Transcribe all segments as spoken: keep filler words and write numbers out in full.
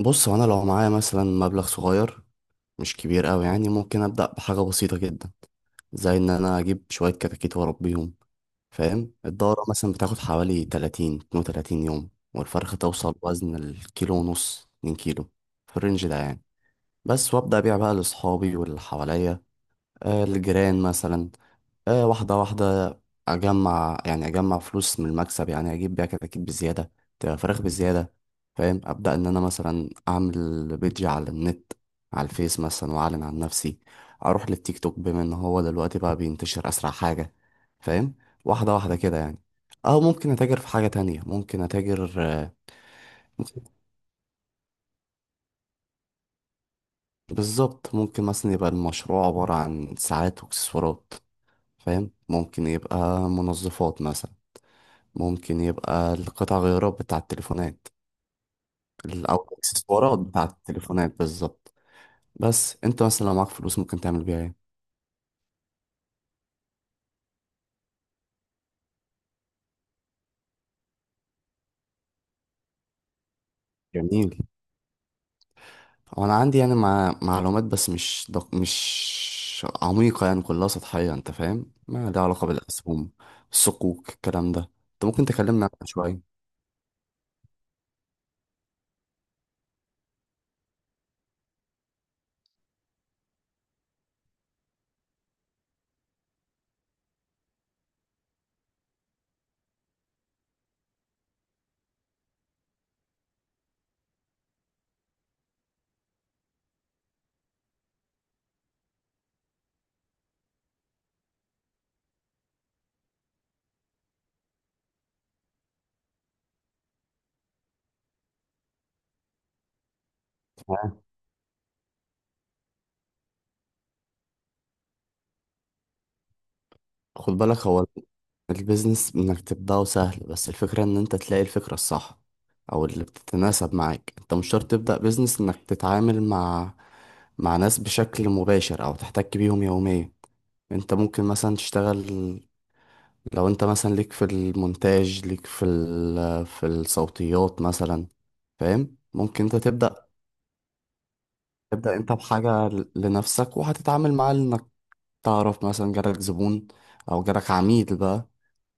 بص، هو انا لو معايا مثلا مبلغ صغير مش كبير قوي، يعني ممكن ابدا بحاجه بسيطه جدا زي ان انا اجيب شويه كتاكيت واربيهم. فاهم؟ الدوره مثلا بتاخد حوالي تلاتين اتنين وتلاتين يوم، والفرخه توصل وزن الكيلو ونص، كيلوين كيلو في الرينج ده يعني. بس، وابدا ابيع بقى لاصحابي واللي حواليا. آه، الجيران مثلا. آه، واحدة واحدة أجمع، يعني أجمع فلوس من المكسب. يعني أجيب بيها كتاكيت بزيادة، تبقى فراخ بزيادة. فاهم؟ أبدأ إن أنا مثلا أعمل بيدج على النت، على الفيس مثلا، وأعلن عن نفسي. أروح للتيك توك بما إن هو دلوقتي بقى بينتشر أسرع حاجة. فاهم؟ واحدة واحدة كده يعني. أو ممكن أتاجر في حاجة تانية، ممكن أتاجر آه، بالظبط، ممكن مثلا يبقى المشروع عبارة عن ساعات وإكسسوارات، فاهم؟ ممكن يبقى منظفات مثلا، ممكن يبقى القطع غيارات بتاع التليفونات. ال- أو الإكسسوارات بتاع التليفونات بالظبط. بس أنت مثلا لو معاك فلوس ممكن تعمل بيها إيه؟ جميل. هو أنا عندي يعني مع... معلومات، بس مش دق... مش عميقة يعني، كلها سطحية. أنت فاهم؟ ما لها علاقة بالأسهم، الصكوك، الكلام ده. أنت ممكن تكلمنا عنها شوية. خد بالك، هو البيزنس انك تبدأه سهل، بس الفكرة ان انت تلاقي الفكرة الصح او اللي بتتناسب معاك. انت مش شرط تبدأ بيزنس انك تتعامل مع مع ناس بشكل مباشر او تحتك بيهم يوميا. انت ممكن مثلا تشتغل، لو انت مثلا ليك في المونتاج، ليك في ال... في الصوتيات مثلا. فاهم؟ ممكن انت تبدأ تبدأ انت بحاجة ل- لنفسك وهتتعامل مع... تعرف مثلا جالك زبون او جالك عميل بقى،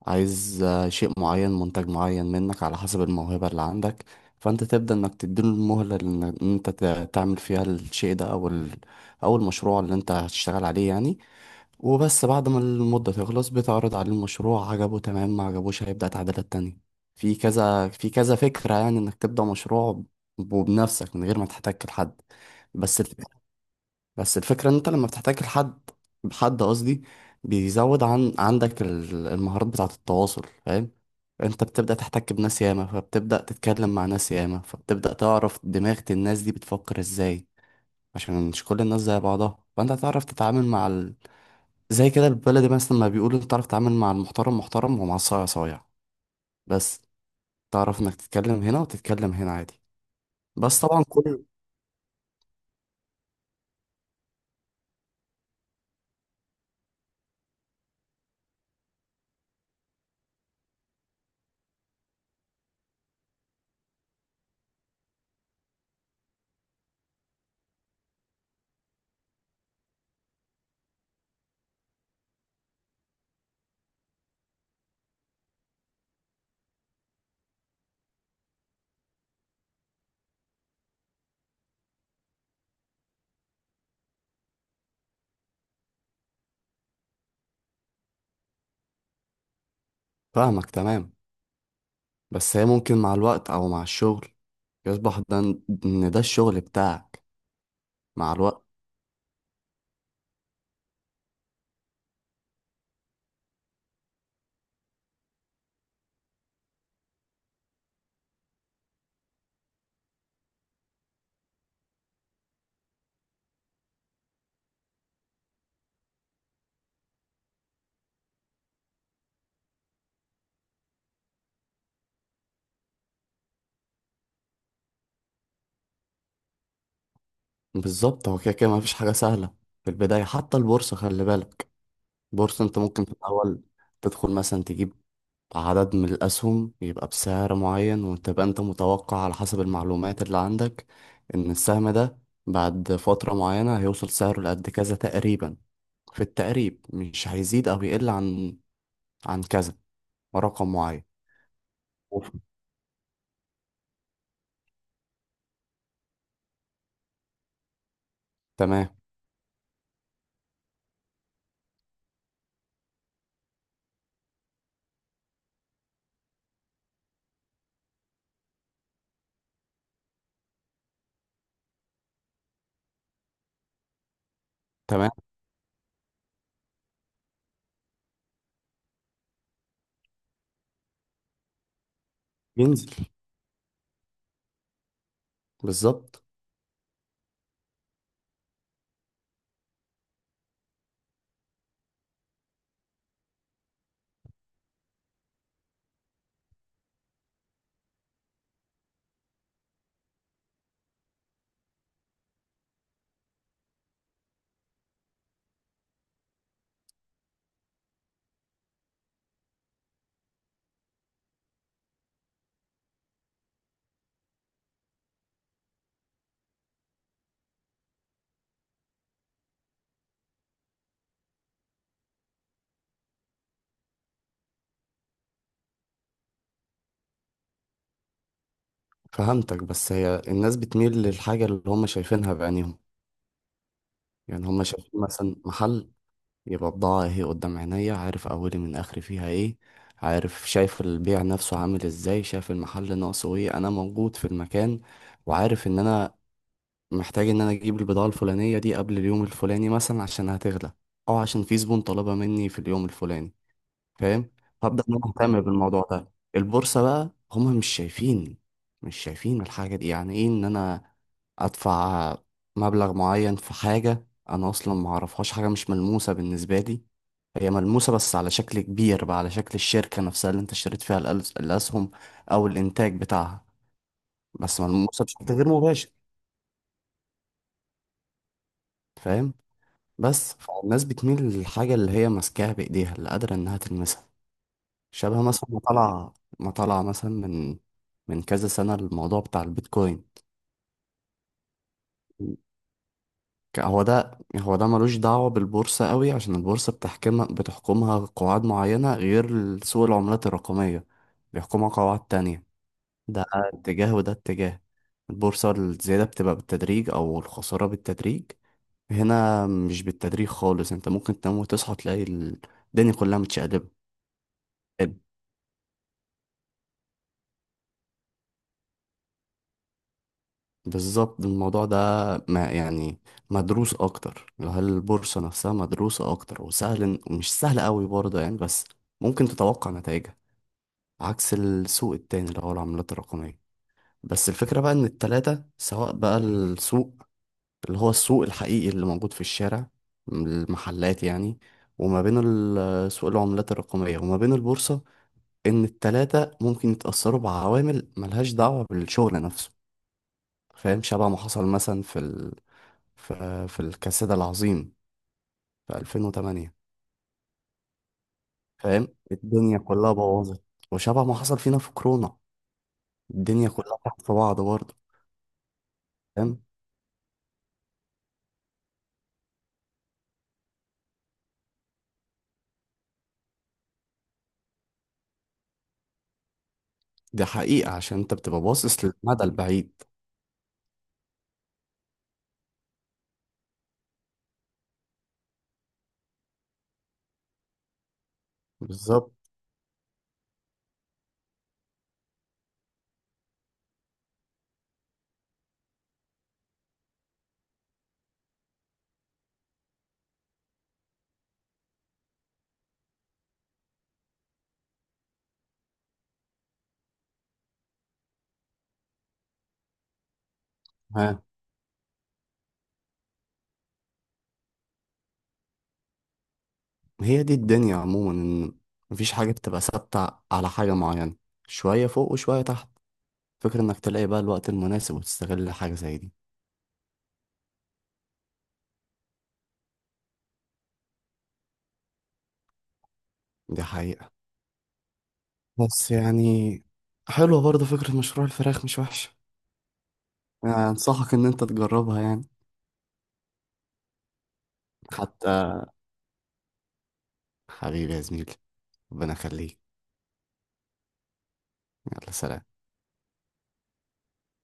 عايز آه، شيء معين، منتج معين منك على حسب الموهبة اللي عندك. فانت تبدأ انك تديله المهلة ان إن انت ت- تعمل فيها الشيء ده او ال... او المشروع اللي انت هتشتغل عليه يعني. وبس بعد ما المدة تخلص بتعرض عليه المشروع. عجبه تمام، ما عجبوش هيبدأ تعديلات تانية. في كذا، في كذا فكرة يعني انك تبدأ مشروع وبنفسك من غير ما تحتاج لحد. بس بس الفكرة ان انت لما بتحتاج لحد، حد قصدي، بيزود عن عندك ال- المهارات بتاعة التواصل. فاهم؟ انت بتبدأ تحتك بناس ياما، فبتبدأ تتكلم مع ناس ياما، فبتبدأ تعرف دماغ الناس دي بتفكر ازاي. عشان مش كل الناس زي بعضها، فانت هتعرف تتعامل مع ال... زي كده البلد مثلا ما بيقولوا، انت تعرف تتعامل مع المحترم محترم ومع الصايع صايع. بس تعرف انك تتكلم هنا وتتكلم هنا عادي. بس طبعا كل فاهمك تمام. بس هي ممكن مع الوقت أو مع الشغل يصبح ده، إن ده الشغل بتاعك مع الوقت. بالظبط، هو كده كده مفيش حاجة سهلة في البداية. حتى البورصة خلي بالك، البورصة أنت ممكن في الأول تدخل مثلا، تجيب عدد من الأسهم يبقى بسعر معين، وتبقى أنت متوقع على حسب المعلومات اللي عندك إن السهم ده بعد فترة معينة هيوصل سعره لقد كذا تقريبا، في التقريب، مش هيزيد أو يقل عن عن كذا، رقم معين. أوف. تمام، تمام، ينزل بالظبط. فهمتك. بس هي الناس بتميل للحاجة اللي هم شايفينها بعينيهم، يعني هم شايفين مثلا محل، يبقى بضاعة اهي قدام عينيا، عارف أولي من آخري فيها ايه، عارف، شايف البيع نفسه عامل ازاي، شايف المحل ناقصه ايه. أنا موجود في المكان وعارف إن أنا محتاج إن أنا أجيب البضاعة الفلانية دي قبل اليوم الفلاني مثلا عشان هتغلى، أو عشان في زبون طلبها مني في اليوم الفلاني. فاهم؟ فابدا ان انا اهتم بالموضوع ده. البورصه بقى هم مش شايفين مش شايفين الحاجه دي. يعني ايه ان انا ادفع مبلغ معين في حاجه انا اصلا ما اعرفهاش؟ حاجه مش ملموسه بالنسبه لي. هي ملموسه بس على شكل كبير بقى، على شكل الشركه نفسها اللي انت اشتريت فيها الألس- الاسهم او الانتاج بتاعها. بس ملموسه بشكل غير مباشر. فاهم؟ بس فالناس بتميل للحاجه اللي هي ماسكاها بايديها، اللي قادره انها تلمسها. شبه مثلا ما طلع ما طلع مثلا من من كذا سنة الموضوع بتاع البيتكوين. ك- هو ده هو ده ملوش دعوة بالبورصة قوي، عشان البورصة بتحكمها بتحكمها قواعد معينة. غير سوق العملات الرقمية، بيحكمها قواعد تانية. ده اتجاه وده اتجاه. البورصة الزيادة بتبقى بالتدريج، أو الخسارة بالتدريج. هنا مش بالتدريج خالص، انت ممكن تنام وتصحى تلاقي الدنيا كلها متشقلبة. بالظبط، الموضوع ده ما يعني مدروس اكتر. هل البورصة نفسها مدروسة اكتر وسهل إن- ومش سهل قوي برضه يعني، بس ممكن تتوقع نتائجها عكس السوق التاني اللي هو العملات الرقمية. بس الفكرة بقى ان التلاتة، سواء بقى السوق اللي هو السوق الحقيقي اللي موجود في الشارع، المحلات يعني، وما بين ال- سوق العملات الرقمية، وما بين البورصة، ان التلاتة ممكن يتأثروا بعوامل ملهاش دعوة بالشغل نفسه. فاهم؟ شبه ما حصل مثلا في في في الكساد العظيم في ألفين وتمانية. فاهم؟ الدنيا كلها بوظت. وشبه ما حصل فينا في كورونا، الدنيا كلها تحت في بعض برضه. فاهم؟ دي حقيقة عشان انت بتبقى باصص للمدى البعيد. بالظبط. ها، هي دي الدنيا عموما، ان مفيش حاجة بتبقى ثابتة على حاجة معينة، شوية فوق وشوية تحت. فكرة انك تلاقي بقى الوقت المناسب وتستغل حاجة زي دي. دي حقيقة. بس يعني حلوة برضه فكرة مشروع الفراخ، مش وحشة يعني، أنصحك إن أنت تجربها يعني. حتى حبيبي يا زميلي، ربنا يخليك. يلا سلام.